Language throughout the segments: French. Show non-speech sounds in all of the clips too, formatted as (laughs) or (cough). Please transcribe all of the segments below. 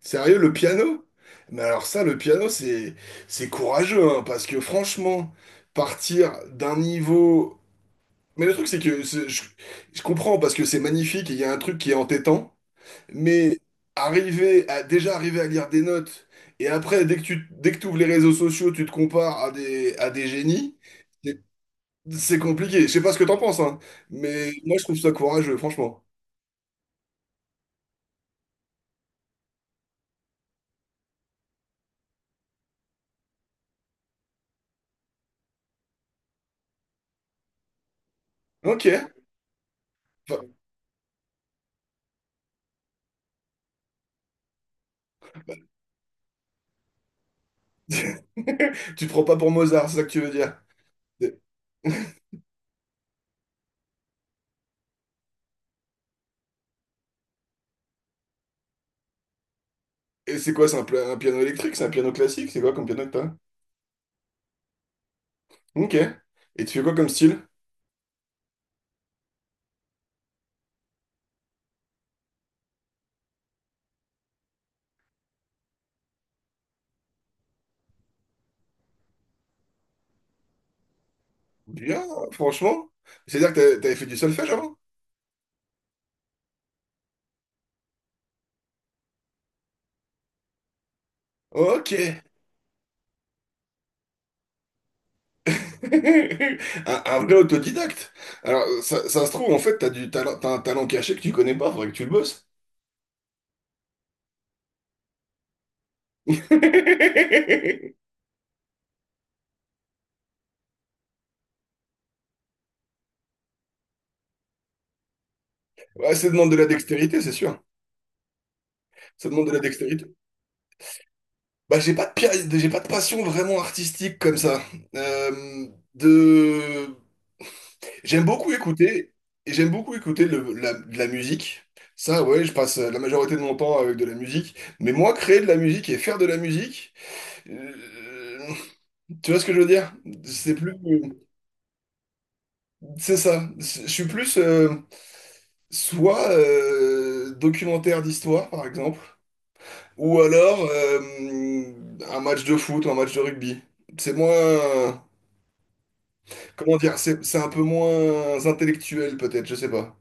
Sérieux, le piano? Mais alors ça, le piano, c'est courageux, hein, parce que franchement, partir d'un niveau... Mais le truc, c'est que je comprends, parce que c'est magnifique, et il y a un truc qui est entêtant, mais arriver à déjà arriver à lire des notes, et après, dès que tu ouvres les réseaux sociaux, tu te compares à des génies, c'est c'est compliqué. Je sais pas ce que t'en penses, hein, mais moi, je trouve ça courageux, franchement. Ok. Enfin, (laughs) tu te prends pas pour Mozart, c'est ça que tu veux dire? Et c'est quoi, un piano électrique? C'est un piano classique? C'est quoi comme piano que t'as? Ok. Et tu fais quoi comme style? Bien, franchement. C'est-à-dire que t'avais fait du solfège avant? Ok. (laughs) Un vrai autodidacte. Alors, ça se trouve, en fait, t'as du talent, t'as un talent caché que tu connais pas, faudrait que tu le bosses. (laughs) Ouais, ça demande de la dextérité, c'est sûr. Ça demande de la dextérité. Bah, j'ai pas de passion vraiment artistique comme ça. Euh, de... J'aime beaucoup écouter, et j'aime beaucoup écouter de la musique. Ça, ouais, je passe la majorité de mon temps avec de la musique. Mais moi, créer de la musique et faire de la musique, euh, tu vois ce que je veux dire? C'est plus, c'est ça. Je suis plus soit documentaire d'histoire, par exemple, ou alors un match de foot ou un match de rugby. C'est moins, comment dire, c'est un peu moins intellectuel, peut-être, je sais pas.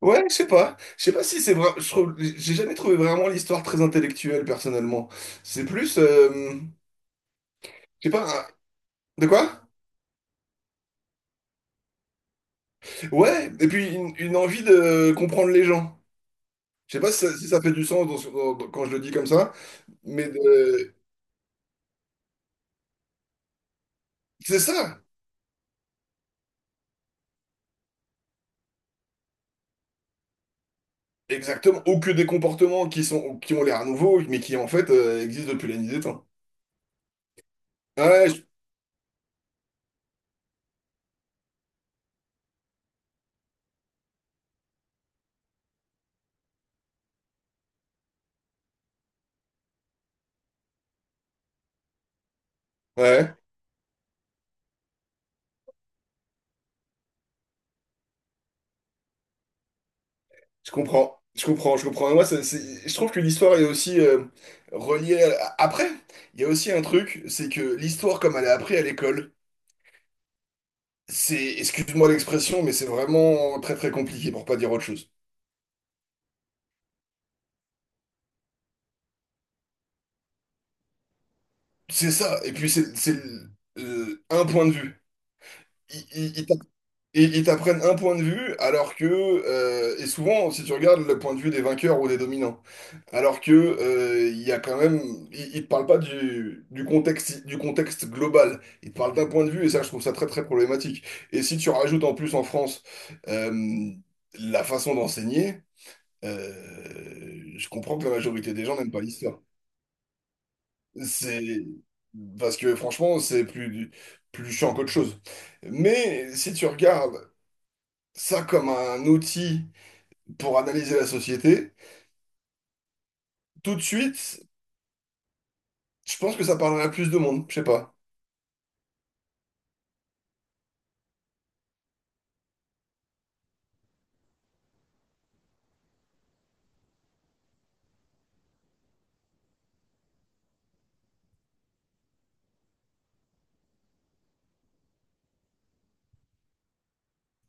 Ouais, je sais pas. Je sais pas si c'est vrai. Je trouve, j'ai jamais trouvé vraiment l'histoire très intellectuelle, personnellement. C'est plus, je sais pas, de quoi? Ouais, et puis une envie de comprendre les gens. Je sais pas si ça, si ça fait du sens dans ce- dans- dans- quand je le dis comme ça, mais c'est ça, exactement. Ou que des comportements qui sont, qui ont l'air nouveaux, mais qui en fait existent depuis la nuit des temps. Ouais, je- ouais. Je comprends, je comprends, je comprends. Et moi, je trouve que l'histoire est aussi reliée à- Après, il y a aussi un truc, c'est que l'histoire, comme elle est apprise à l'école, c'est, excuse-moi l'expression, mais c'est vraiment très très compliqué pour pas dire autre chose. C'est ça, et puis un point de vue. Et ils t'apprennent un point de vue, alors que, et souvent, si tu regardes le point de vue des vainqueurs ou des dominants, alors que, il y a quand même, ils te parlent pas du, du contexte global. Ils te parlent d'un point de vue, et ça, je trouve ça très, très problématique. Et si tu rajoutes en plus en France, euh, la façon d'enseigner, je comprends que la majorité des gens n'aiment pas l'histoire. C'est, parce que franchement, c'est plus, plus chiant qu'autre chose. Mais si tu regardes ça comme un outil pour analyser la société, tout de suite, je pense que ça parlerait à plus de monde. Je sais pas.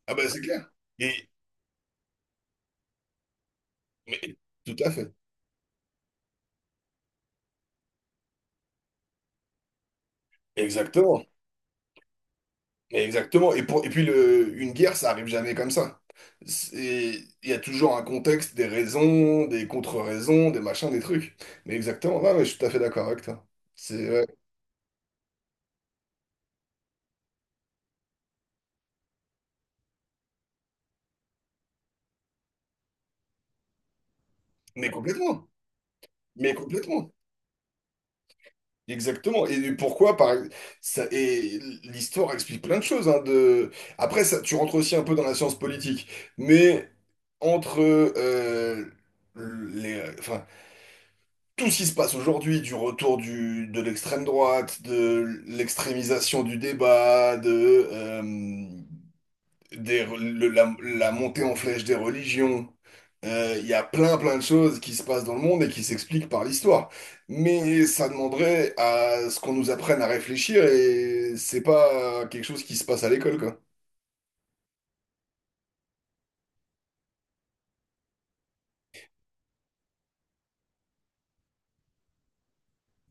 Ah ben c'est clair. Et mais, tout à fait. Exactement. Mais exactement. Et pour, et puis le, une guerre, ça arrive jamais comme ça. C'est- Il y a toujours un contexte, des raisons, des contre-raisons, des machins, des trucs. Mais exactement. Ouais, ouais, je suis tout à fait d'accord avec toi. C'est ouais. Mais complètement. Mais complètement. Exactement. Et pourquoi, et l'histoire explique plein de choses, hein, de... Après, ça, tu rentres aussi un peu dans la science politique, mais entre enfin, tout ce qui se passe aujourd'hui, du retour du, de l'extrême droite, de l'extrémisation du débat, de, des re- le- la montée en flèche des religions. Il y a plein plein de choses qui se passent dans le monde et qui s'expliquent par l'histoire. Mais ça demanderait à ce qu'on nous apprenne à réfléchir et c'est pas quelque chose qui se passe à l'école, quoi.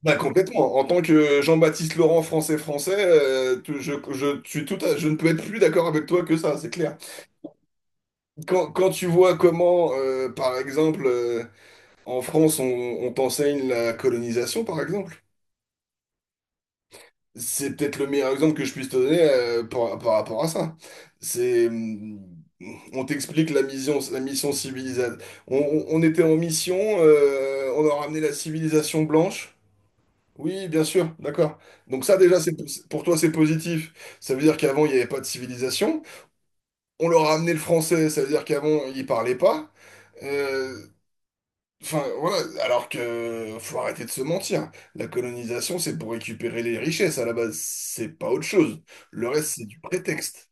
Bah complètement. En tant que Jean-Baptiste Laurent français français, je suis je ne peux être plus d'accord avec toi que ça, c'est clair. Quand, quand tu vois comment, par exemple, en France, on t'enseigne la colonisation, par exemple. C'est peut-être le meilleur exemple que je puisse te donner par, par rapport à ça. C'est, on t'explique la mission civilisation. On était en mission, on a ramené la civilisation blanche. Oui, bien sûr, d'accord. Donc ça déjà, c'est, pour toi, c'est positif. Ça veut dire qu'avant, il n'y avait pas de civilisation. On leur a ramené le français, ça veut dire qu'avant, ils parlaient pas. Euh, Enfin, voilà, alors que faut arrêter de se mentir. La colonisation, c'est pour récupérer les richesses à la base, c'est pas autre chose. Le reste, c'est du prétexte.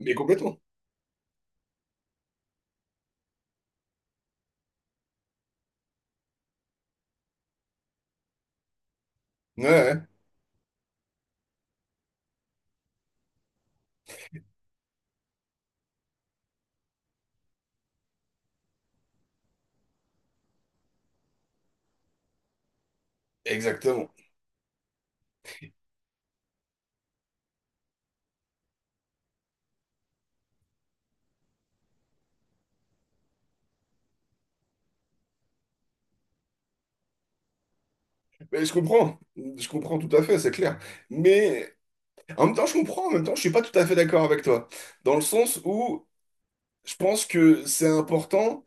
Mais complètement. Ouais, ouais, exactement. Mais je comprends tout à fait, c'est clair. Mais en même temps, je comprends, en même temps, je suis pas tout à fait d'accord avec toi. Dans le sens où je pense que c'est important.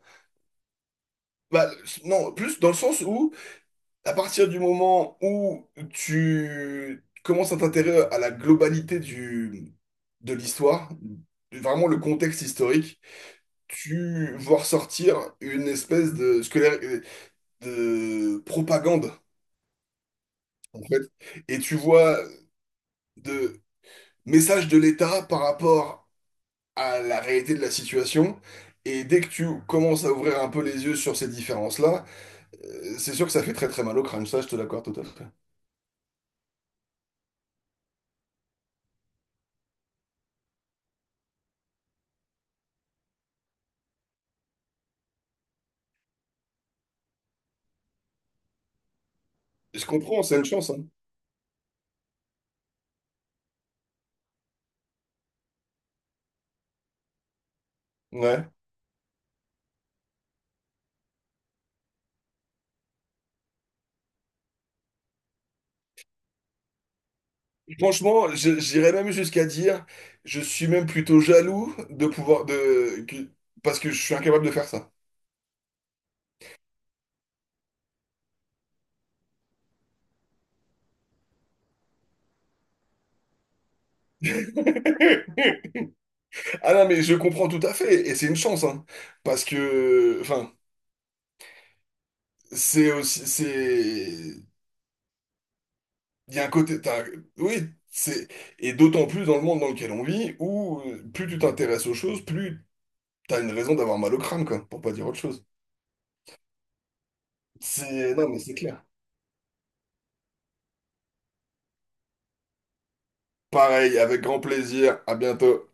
Bah, non, plus dans le sens où à partir du moment où tu commences à t'intéresser à la globalité du, de l'histoire, vraiment le contexte historique, tu vois ressortir une espèce de, scolaire, de propagande, en fait. Et tu vois de messages de l'État par rapport à la réalité de la situation. Et dès que tu commences à ouvrir un peu les yeux sur ces différences-là, c'est sûr que ça fait très très mal au crâne. Ça, je te l'accorde tout à fait. Je comprends, c'est une chance, hein. Ouais. Franchement, j'irais même jusqu'à dire, je suis même plutôt jaloux de pouvoir de que- parce que je suis incapable de faire ça. (laughs) Ah non, mais je comprends tout à fait et c'est une chance, hein, parce que enfin c'est aussi c'est il y a un côté t'as- oui c'est et d'autant plus dans le monde dans lequel on vit où plus tu t'intéresses aux choses, plus t'as une raison d'avoir mal au crâne quoi, pour pas dire autre chose. C'est non mais c'est clair. Pareil, avec grand plaisir. À bientôt.